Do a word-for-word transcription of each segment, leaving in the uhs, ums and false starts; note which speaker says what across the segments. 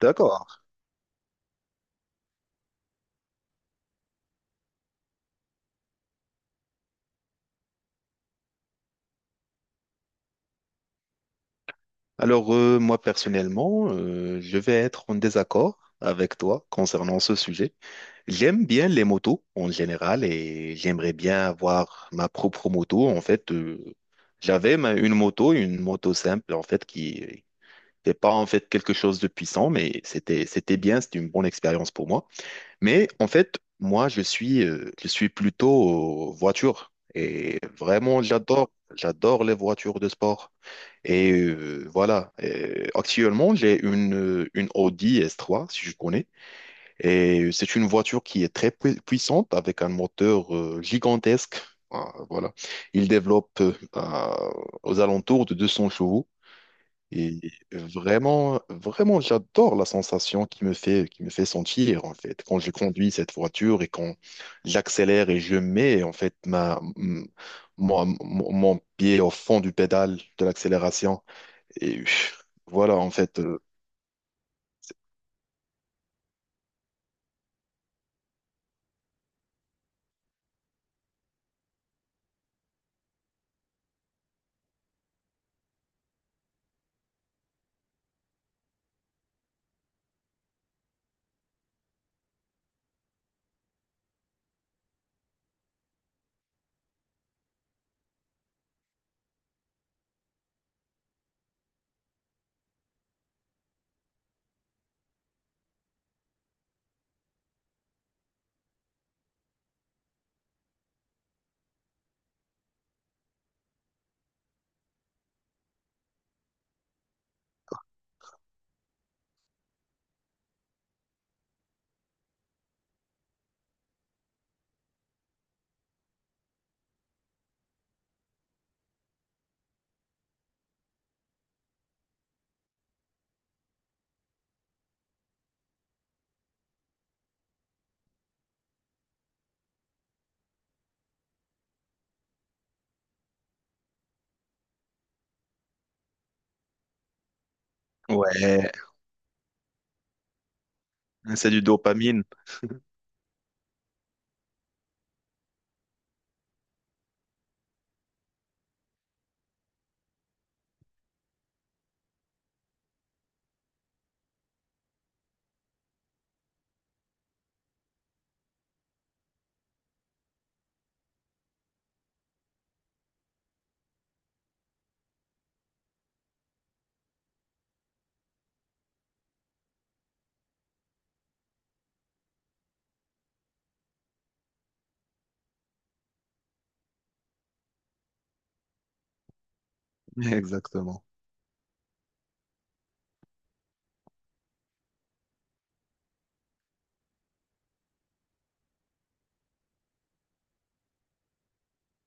Speaker 1: D'accord. Alors, euh, moi, personnellement, euh, je vais être en désaccord avec toi concernant ce sujet. J'aime bien les motos en général et j'aimerais bien avoir ma propre moto. En fait, euh, j'avais ma- une moto, une moto simple, en fait, qui n'était pas en fait quelque chose de puissant, mais c'était, c'était bien, c'était une bonne expérience pour moi. Mais en fait, moi, je suis, euh, je suis plutôt euh, voiture. Et vraiment, j'adore, j'adore les voitures de sport. Et euh, voilà. Euh, actuellement, j'ai une, euh, une Audi S trois, si je connais. Et c'est une voiture qui est très pui- puissante avec un moteur euh, gigantesque. Ah, voilà. Il développe euh, à- aux alentours de deux cents chevaux. Et vraiment, vraiment, j'adore la sensation qui me fait, qui me fait sentir, en fait, quand je conduis cette voiture et quand j'accélère et je mets, en fait, ma, m- mon, mon- mon pied au fond du pédale de l'accélération. Et pff, voilà, en fait, euh, ouais, c'est du dopamine. Exactement.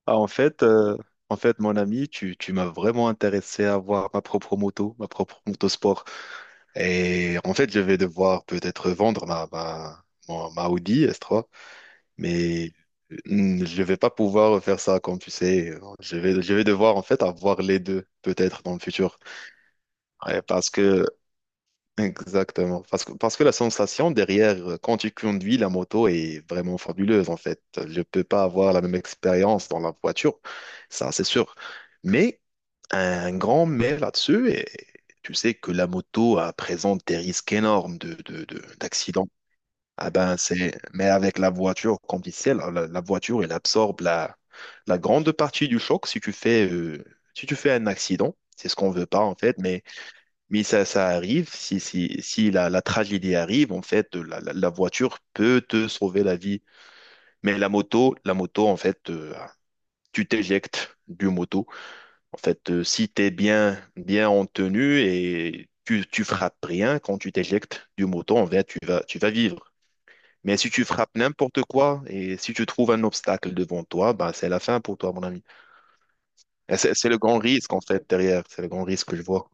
Speaker 1: Ah, en fait, euh, en fait, mon ami, tu, tu m'as vraiment intéressé à voir ma propre moto, ma propre moto. Et en fait, je vais devoir peut-être vendre ma, ma, mon- ma Audi S trois, mais mm, je vais pas pouvoir faire ça comme tu sais. Je vais, je vais devoir en fait avoir les deux peut-être dans le futur. Ouais, parce que exactement. Parce que, parce que la sensation derrière, euh, quand tu conduis la moto est vraiment fabuleuse, en fait. Je peux pas avoir la même expérience dans la voiture, ça c'est sûr. Mais un grand mais là-dessus, et tu sais que la moto euh, présente des risques énormes de, de- de- d'accidents. Ah ben, c'est, mais avec la voiture, comme tu sais, la, la- la voiture, elle absorbe la, la grande partie du choc si tu fais, euh, si tu fais un accident. C'est ce qu'on veut pas, en fait, mais ça, ça arrive, si, si, si la, la tragédie arrive, en fait, la, la- la voiture peut te sauver la vie. Mais la moto, la moto, en fait, euh, tu t'éjectes du moto. En fait, euh, si tu es bien, bien en tenue et tu, tu frappes rien quand tu t'éjectes du moto, en fait, tu vas, tu vas vivre. Mais si tu frappes n'importe quoi et si tu trouves un obstacle devant toi, bah, c'est la fin pour toi, mon ami. Et C'est c'est le grand risque, en fait, derrière. C'est le grand risque que je vois.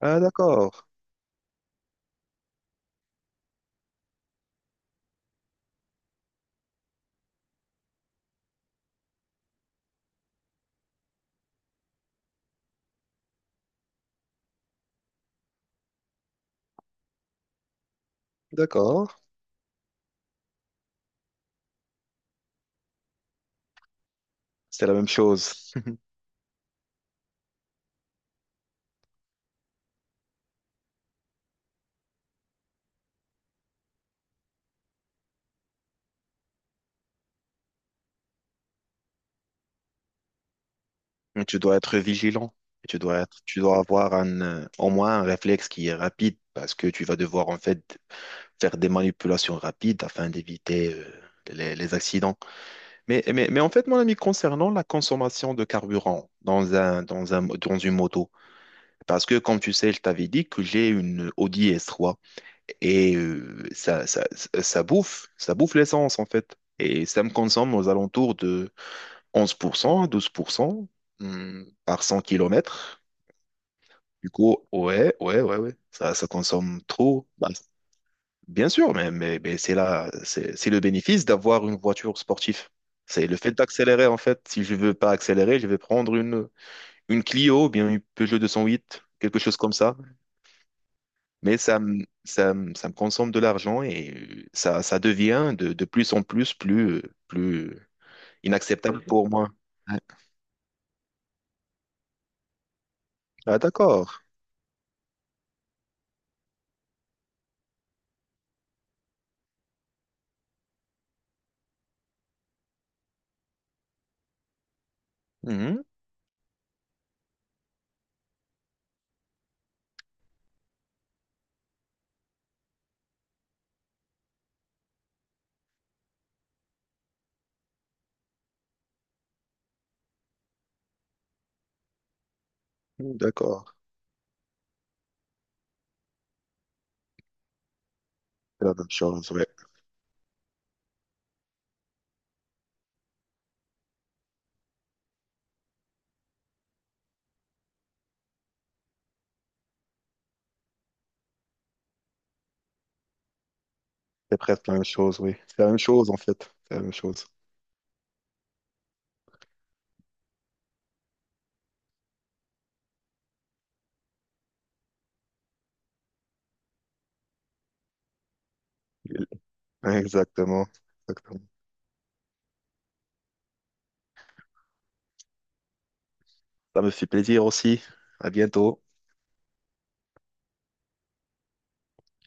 Speaker 1: Ah, d'accord, d'accord. C'est la même chose. Mais tu dois être vigilant. Et Tu dois être, tu dois avoir un, euh, au moins un réflexe qui est rapide parce que tu vas devoir, en fait, faire des manipulations rapides afin d'éviter, euh, les les accidents. Mais, mais, mais en fait, mon ami, concernant la consommation de carburant dans un, dans un, dans une moto, parce que comme tu sais, je t'avais dit que j'ai une Audi S trois et euh, ça, ça, ça ça bouffe, ça bouffe l'essence en fait. Et ça me consomme aux alentours de onze pour cent à douze pour cent hum, par cent kilomètres. Du coup, ouais, ouais, ouais, ouais, ça, ça consomme trop. Bah, bien sûr, mais, mais, mais c'est là, c'est c'est le bénéfice d'avoir une voiture sportive. C'est le fait d'accélérer, en fait. Si je veux pas accélérer, je vais prendre une, une Clio, ou bien une Peugeot deux cent huit, quelque chose comme ça. Mais ça, me- ça, me- ça me consomme de l'argent et euh, ça, ça devient de, de plus en plus, plus, euh, plus inacceptable pour moi. Ouais. Ah, d'accord. Mhm. D'accord. C'est la même chose, oui. C'est presque la même chose, oui. C'est la même chose, en fait. C'est la même chose. Exactement. Exactement. Ça me fait plaisir aussi. À bientôt.